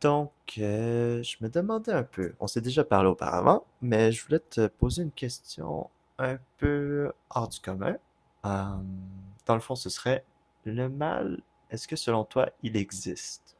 Donc, je me demandais un peu, on s'est déjà parlé auparavant, mais je voulais te poser une question un peu hors du commun. Euh, Dans le fond, ce serait, le mal, est-ce que selon toi, il existe?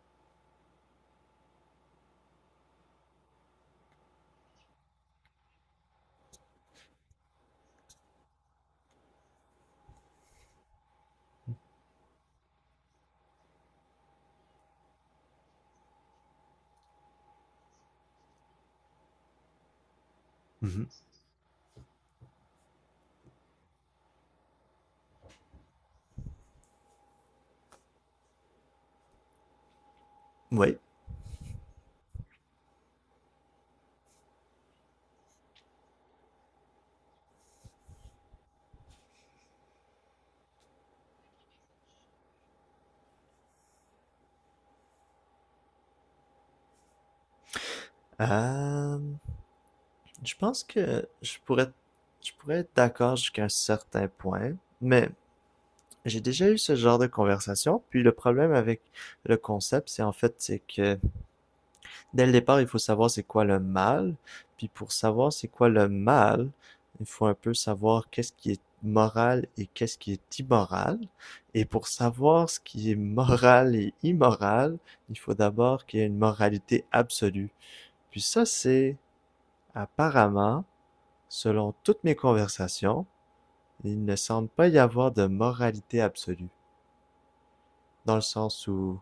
Mhm. Oui. Euh, je pense que je pourrais être d'accord jusqu'à un certain point, mais j'ai déjà eu ce genre de conversation, puis le problème avec le concept, c'est que dès le départ, il faut savoir c'est quoi le mal. Puis pour savoir c'est quoi le mal, il faut un peu savoir qu'est-ce qui est moral et qu'est-ce qui est immoral. Et pour savoir ce qui est moral et immoral, il faut d'abord qu'il y ait une moralité absolue. Puis ça, c'est apparemment, selon toutes mes conversations, il ne semble pas y avoir de moralité absolue. Dans le sens où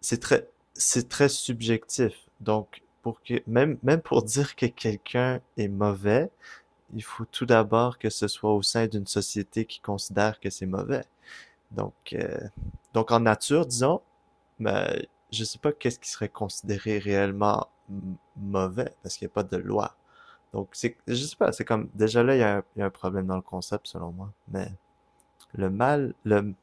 c'est très subjectif. Donc, pour que, même pour dire que quelqu'un est mauvais, il faut tout d'abord que ce soit au sein d'une société qui considère que c'est mauvais. Donc, euh, donc en nature, disons, mais je sais pas qu'est-ce qui serait considéré réellement mauvais parce qu'il n'y a pas de loi. Donc, c'est, je sais pas, c'est comme, déjà là, il y a un problème dans le concept, selon moi. Mais le mal, le,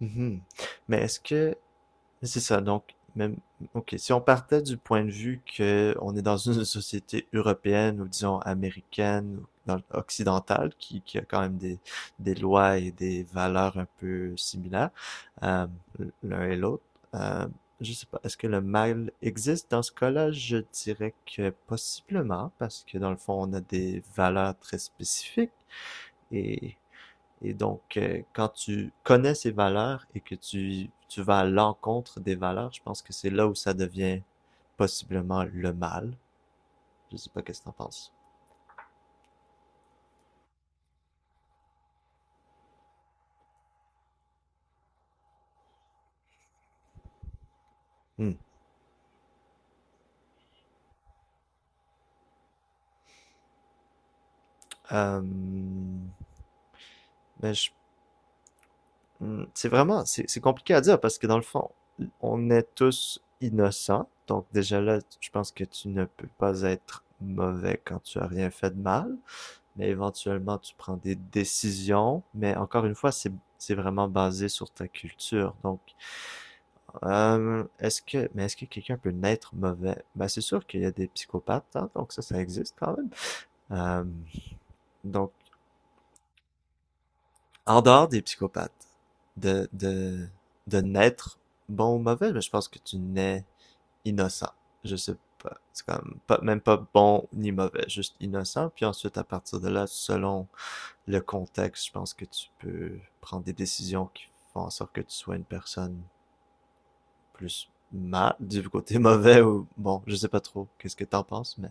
mhm. Mais est-ce que c'est ça, donc même OK, si on partait du point de vue que on est dans une société européenne ou disons américaine ou occidentale qui a quand même des lois et des valeurs un peu similaires, euh, l'un et l'autre, euh, je sais pas, est-ce que le mal existe dans ce cas-là? Je dirais que possiblement, parce que dans le fond, on a des valeurs très spécifiques et donc, quand tu connais ces valeurs et que tu vas à l'encontre des valeurs, je pense que c'est là où ça devient possiblement le mal. Je sais pas qu'est-ce que t'en penses. Hmm. Euh, mais hmm, c'est compliqué à dire parce que dans le fond, on est tous innocents. Donc déjà là, je pense que tu ne peux pas être mauvais quand tu as rien fait de mal, mais éventuellement tu prends des décisions. Mais encore une fois, c'est vraiment basé sur ta culture. Donc mais est-ce que quelqu'un peut naître mauvais? Ben, c'est sûr qu'il y a des psychopathes, hein, donc ça existe quand même. Euh, donc, en dehors des psychopathes, de, de, de naître bon ou mauvais, mais je pense que tu nais innocent. Je sais pas. C'est comme pas, même pas bon ni mauvais, juste innocent. Puis ensuite, à partir de là, selon le contexte, je pense que tu peux prendre des décisions qui font en sorte que tu sois une personne plus mal, du côté mauvais ou bon, je sais pas trop qu'est-ce que t'en penses, mais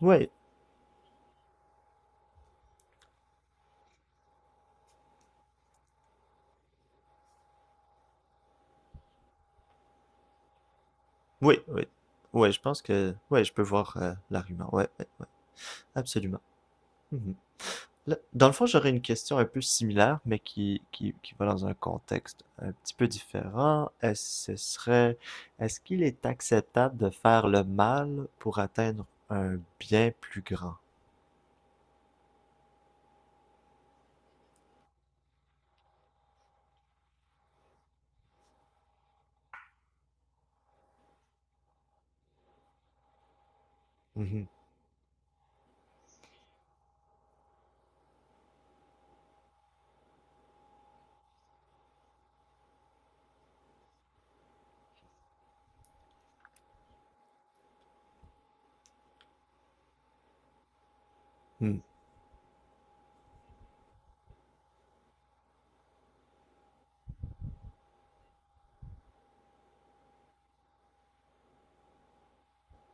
oui, oui, oui, oui je pense que oui je peux voir l'argument, ouais, ouais, ouais, absolument. Mhm. Là, dans le fond, j'aurais une question un peu similaire, mais qui va dans un contexte un petit peu différent. Ce serait, est-ce qu'il est acceptable de faire le mal pour atteindre un bien plus grand? Mhm, mhm,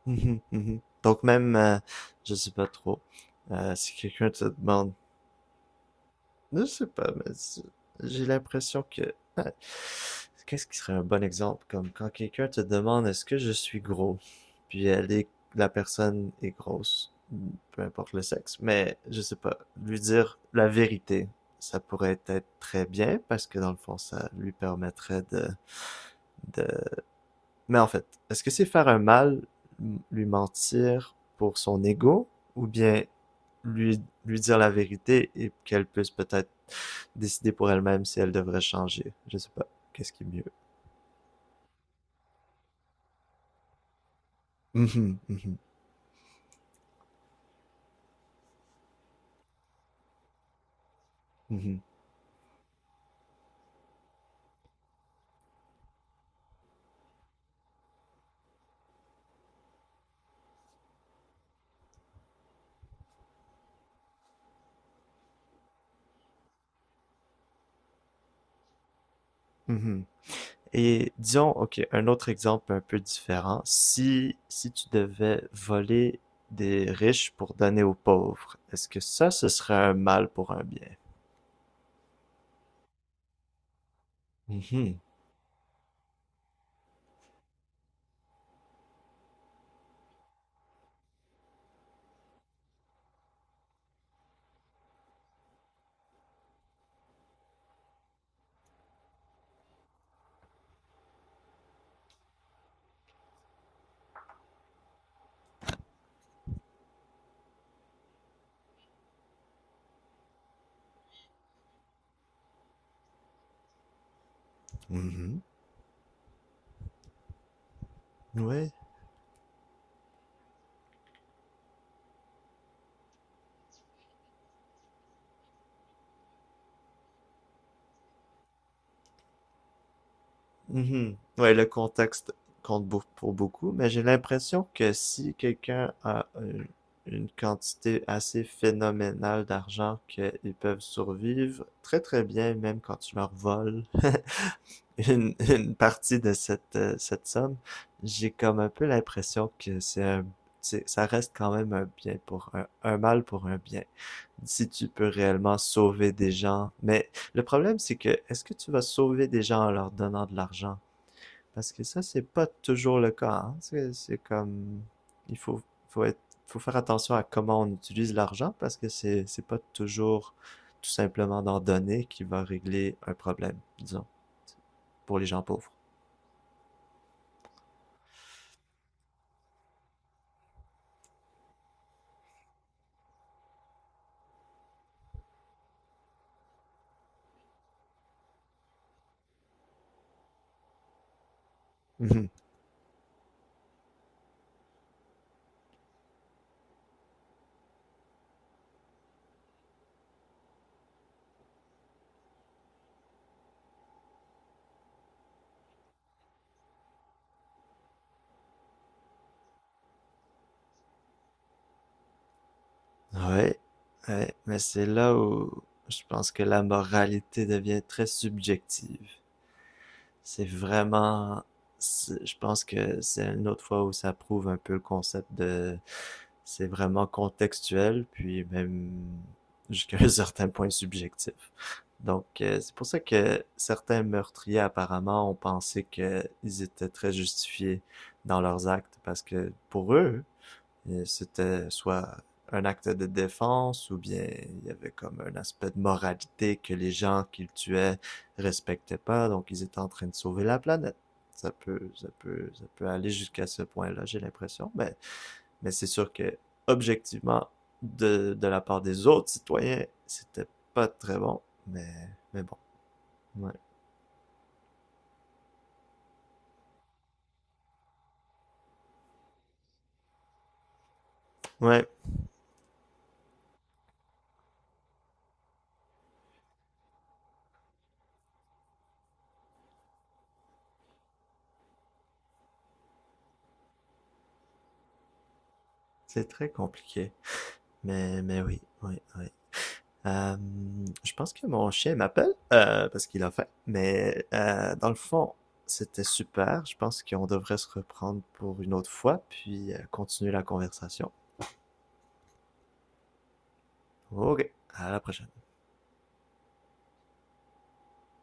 mhm. Donc même, je sais pas trop, si quelqu'un te demande je sais pas, mais j'ai l'impression que... Ah. Qu'est-ce qui serait un bon exemple? Comme quand quelqu'un te demande est-ce que je suis gros? Puis elle est... la personne est grosse, peu importe le sexe, mais je sais pas, lui dire la vérité, ça pourrait être très bien parce que dans le fond, ça lui permettrait de mais en fait, est-ce que c'est faire un mal, lui mentir pour son ego, ou bien lui, lui dire la vérité et qu'elle puisse peut-être décider pour elle-même si elle devrait changer? Je sais pas. Qu'est-ce qui est mieux? Mhm, mhm, mhm, mhm. Et disons, ok, un autre exemple un peu différent. Si tu devais voler des riches pour donner aux pauvres, est-ce que ça, ce serait un mal pour un bien? Mhm, mhm. Ouais, mhm. Ouais, le contexte compte beau- pour beaucoup, mais j'ai l'impression que si quelqu'un a une quantité assez phénoménale d'argent qu'ils peuvent survivre très très bien, même quand tu leur voles une partie de cette somme, j'ai comme un peu l'impression que c'est un, ça reste quand même un bien pour un mal pour un bien. Si tu peux réellement sauver des gens, mais le problème c'est que est-ce que tu vas sauver des gens en leur donnant de l'argent? Parce que ça, c'est pas toujours le cas, hein. C'est comme, il faut, faut être, faut faire attention à comment on utilise l'argent parce que c'est pas toujours tout simplement d'en donner qui va régler un problème, disons, pour les gens pauvres. Ouais, ouais, mais c'est là où je pense que la moralité devient très subjective. C'est vraiment, c'est, je pense que c'est une autre fois où ça prouve un peu le concept de, c'est vraiment contextuel, puis même jusqu'à un certain point subjectif. Donc, c'est pour ça que certains meurtriers, apparemment, ont pensé qu'ils étaient très justifiés dans leurs actes, parce que pour eux, c'était soit un acte de défense ou bien il y avait comme un aspect de moralité que les gens qu'ils tuaient respectaient pas, donc ils étaient en train de sauver la planète. Ça peut aller jusqu'à ce point-là, j'ai l'impression, mais c'est sûr que objectivement, de la part des autres citoyens, c'était pas très bon, mais, mais bon, ouais. Ouais, c'est très compliqué, mais oui, oui, oui. Euh, je pense que mon chien m'appelle parce qu'il a faim, mais dans le fond, c'était super. Je pense qu'on devrait se reprendre pour une autre fois, puis continuer la conversation. Ok, à la prochaine.